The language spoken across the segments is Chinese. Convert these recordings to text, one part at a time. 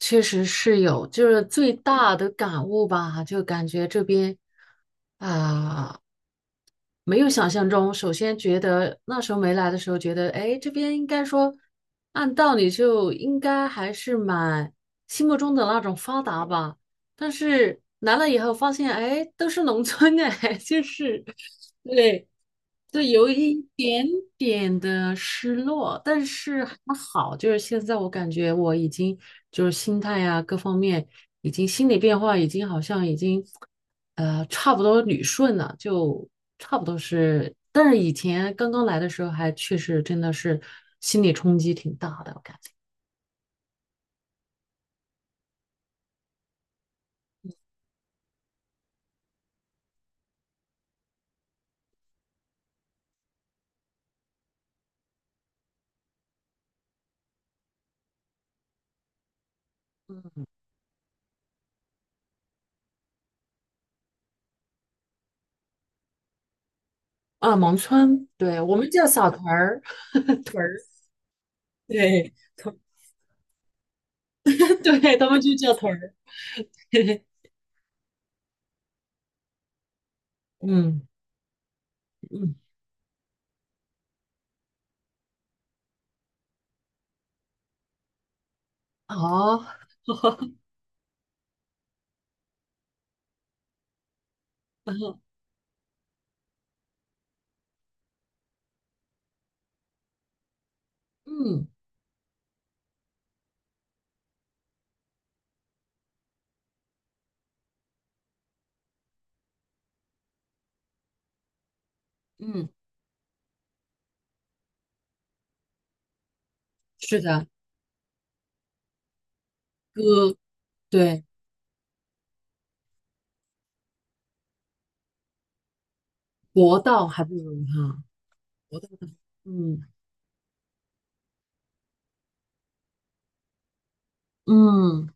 确实是有，就是最大的感悟吧，就感觉这边啊、没有想象中。首先觉得那时候没来的时候，觉得哎，这边应该说按道理就应该还是蛮心目中的那种发达吧。但是来了以后发现，哎，都是农村哎，就是对，就有一点点的失落，但是还好，就是现在我感觉我已经就是心态呀、各方面已经心理变化已经好像已经差不多捋顺了，就差不多是，但是以前刚刚来的时候还确实真的是心理冲击挺大的，我感觉啊，农村，对，我们叫小屯儿，屯儿，对。对他们就叫屯儿。嗯嗯，哦，嗯嗯，是的，哥对，国道还不如哈，嗯嗯，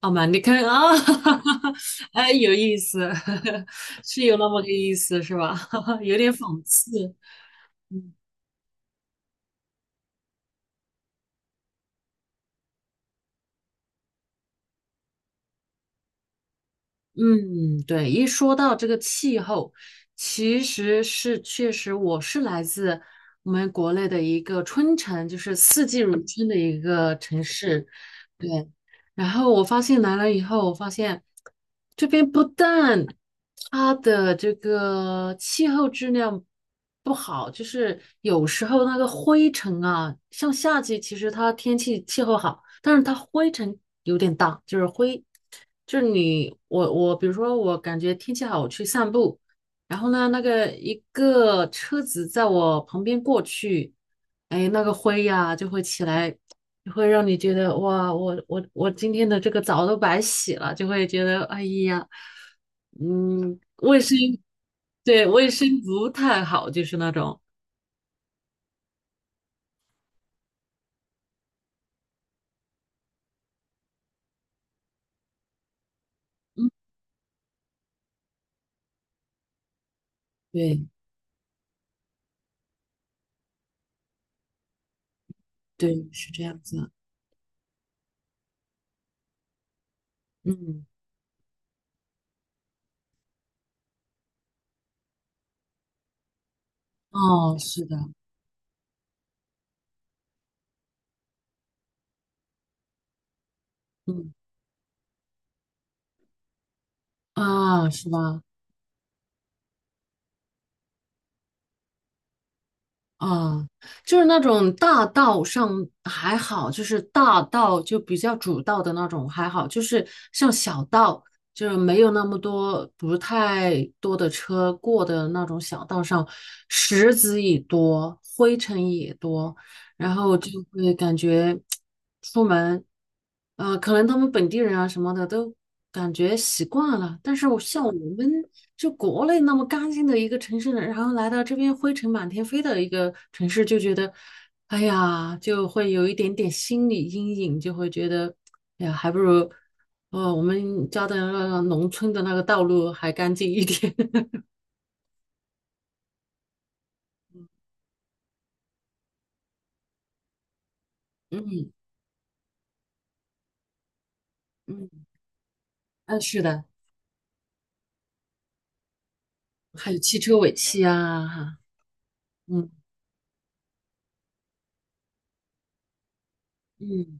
好嘛，你看啊，哎，有意思，是有那么个意思是吧？有点讽刺，嗯。嗯，对，一说到这个气候，其实是确实我是来自我们国内的一个春城，就是四季如春的一个城市。对，然后我发现来了以后，我发现这边不但它的这个气候质量不好，就是有时候那个灰尘啊，像夏季其实它天气气候好。但是它灰尘有点大，就是灰，就是你我，比如说我感觉天气好，我去散步，然后呢，那个一个车子在我旁边过去，哎，那个灰呀、就会起来，就会让你觉得哇，我今天的这个澡都白洗了，就会觉得哎呀，嗯，卫生，对，卫生不太好，就是那种，嗯，对对，是这样子，嗯，哦，是的。嗯。啊，是吧？啊，就是那种大道上还好，就是大道就比较主道的那种还好，就是像小道，就是没有那么多不太多的车过的那种小道上，石子也多，灰尘也多，然后就会感觉出门，可能他们本地人啊什么的都感觉习惯了，但是我像我们就国内那么干净的一个城市，然后来到这边灰尘满天飞的一个城市，就觉得，哎呀，就会有一点点心理阴影，就会觉得，哎呀，还不如，哦，我们家的那个农村的那个道路还干净一点。嗯，嗯，是的，还有汽车尾气啊，哈，嗯嗯。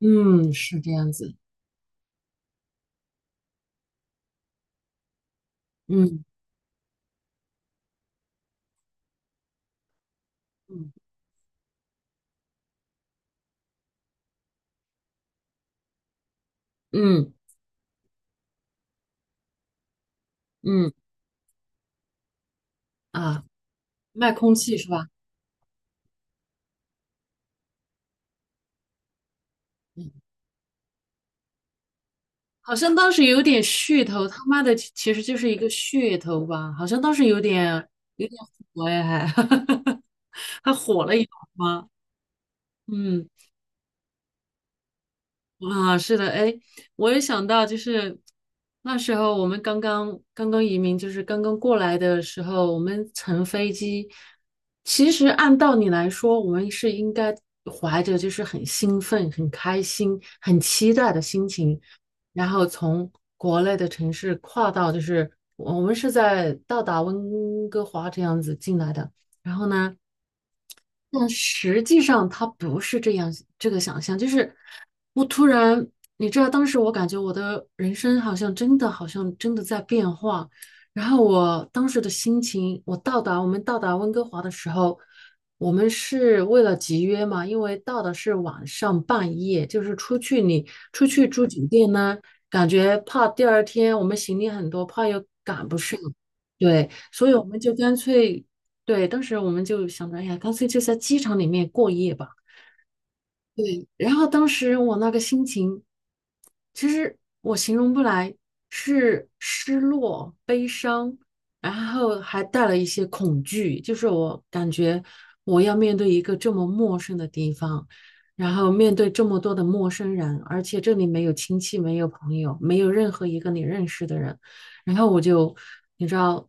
嗯，是这样子，嗯嗯嗯嗯啊，卖空气是吧？好像当时有点噱头，他妈的，其实就是一个噱头吧？好像当时有点火哎，还 还火了一把吗？嗯。啊，是的，哎，我也想到，就是那时候我们刚刚移民，就是刚刚过来的时候，我们乘飞机，其实按道理来说，我们是应该怀着就是很兴奋、很开心、很期待的心情，然后从国内的城市跨到，就是我们是在到达温哥华这样子进来的，然后呢。但实际上它不是这样，这个想象就是我突然，你知道，当时我感觉我的人生好像真的，好像真的在变化。然后我当时的心情，我到达我们到达温哥华的时候，我们是为了集约嘛，因为到的是晚上半夜，就是出去你出去住酒店呢，感觉怕第二天我们行李很多，怕又赶不上。对，所以我们就干脆对，当时我们就想着，哎呀，干脆就在机场里面过夜吧。对，然后当时我那个心情，其实我形容不来，是失落、悲伤，然后还带了一些恐惧，就是我感觉我要面对一个这么陌生的地方，然后面对这么多的陌生人，而且这里没有亲戚，没有朋友，没有任何一个你认识的人，然后我就，你知道，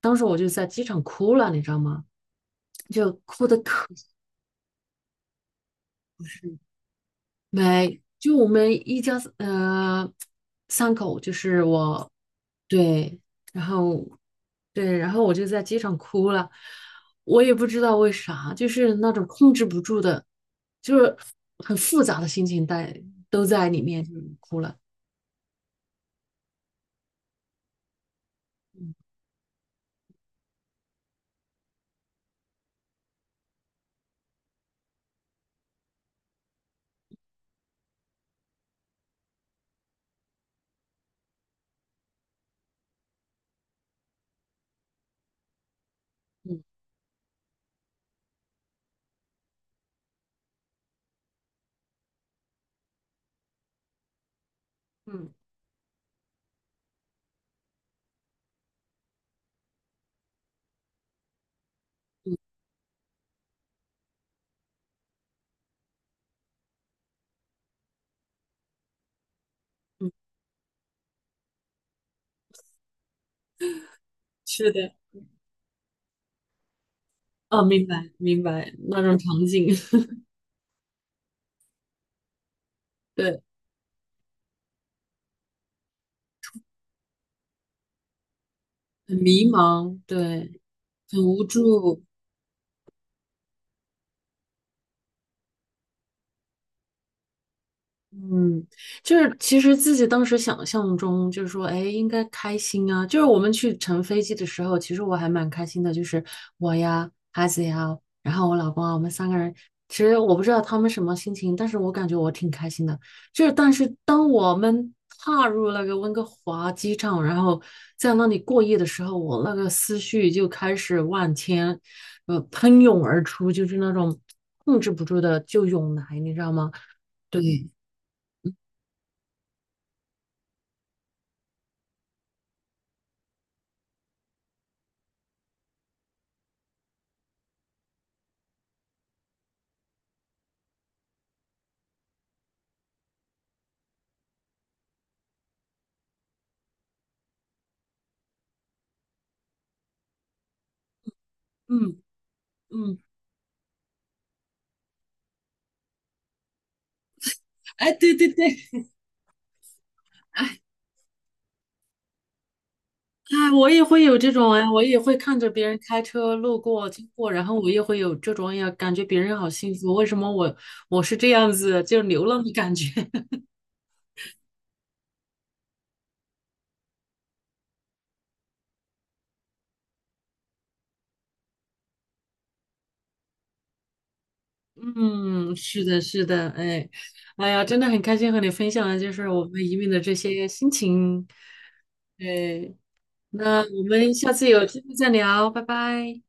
当时我就在机场哭了，你知道吗？就哭的可是没，就我们一家呃三口，就是我对，然后对，然后我就在街上哭了，我也不知道为啥，就是那种控制不住的，就是很复杂的心情在都在里面，就是哭了，嗯嗯嗯嗯嗯，是的，哦，明白明白那种场景，对，很迷茫，对，很无助，嗯，就是其实自己当时想象中就是说，哎，应该开心啊。就是我们去乘飞机的时候，其实我还蛮开心的，就是我呀、孩子呀，然后我老公啊，我们三个人。其实我不知道他们什么心情，但是我感觉我挺开心的。就是，但是当我们踏入那个温哥华机场，然后在那里过夜的时候，我那个思绪就开始万千，喷涌而出，就是那种控制不住的就涌来，你知道吗？对，嗯嗯，哎，对对对，哎，我也会有这种哎，我也会看着别人开车路过、经过，然后我也会有这种，哎呀，感觉别人好幸福，为什么我我是这样子，就流浪的感觉。嗯，是的，是的，哎，哎呀，真的很开心和你分享的，就是我们移民的这些心情。哎，那我们下次有机会再聊，拜拜。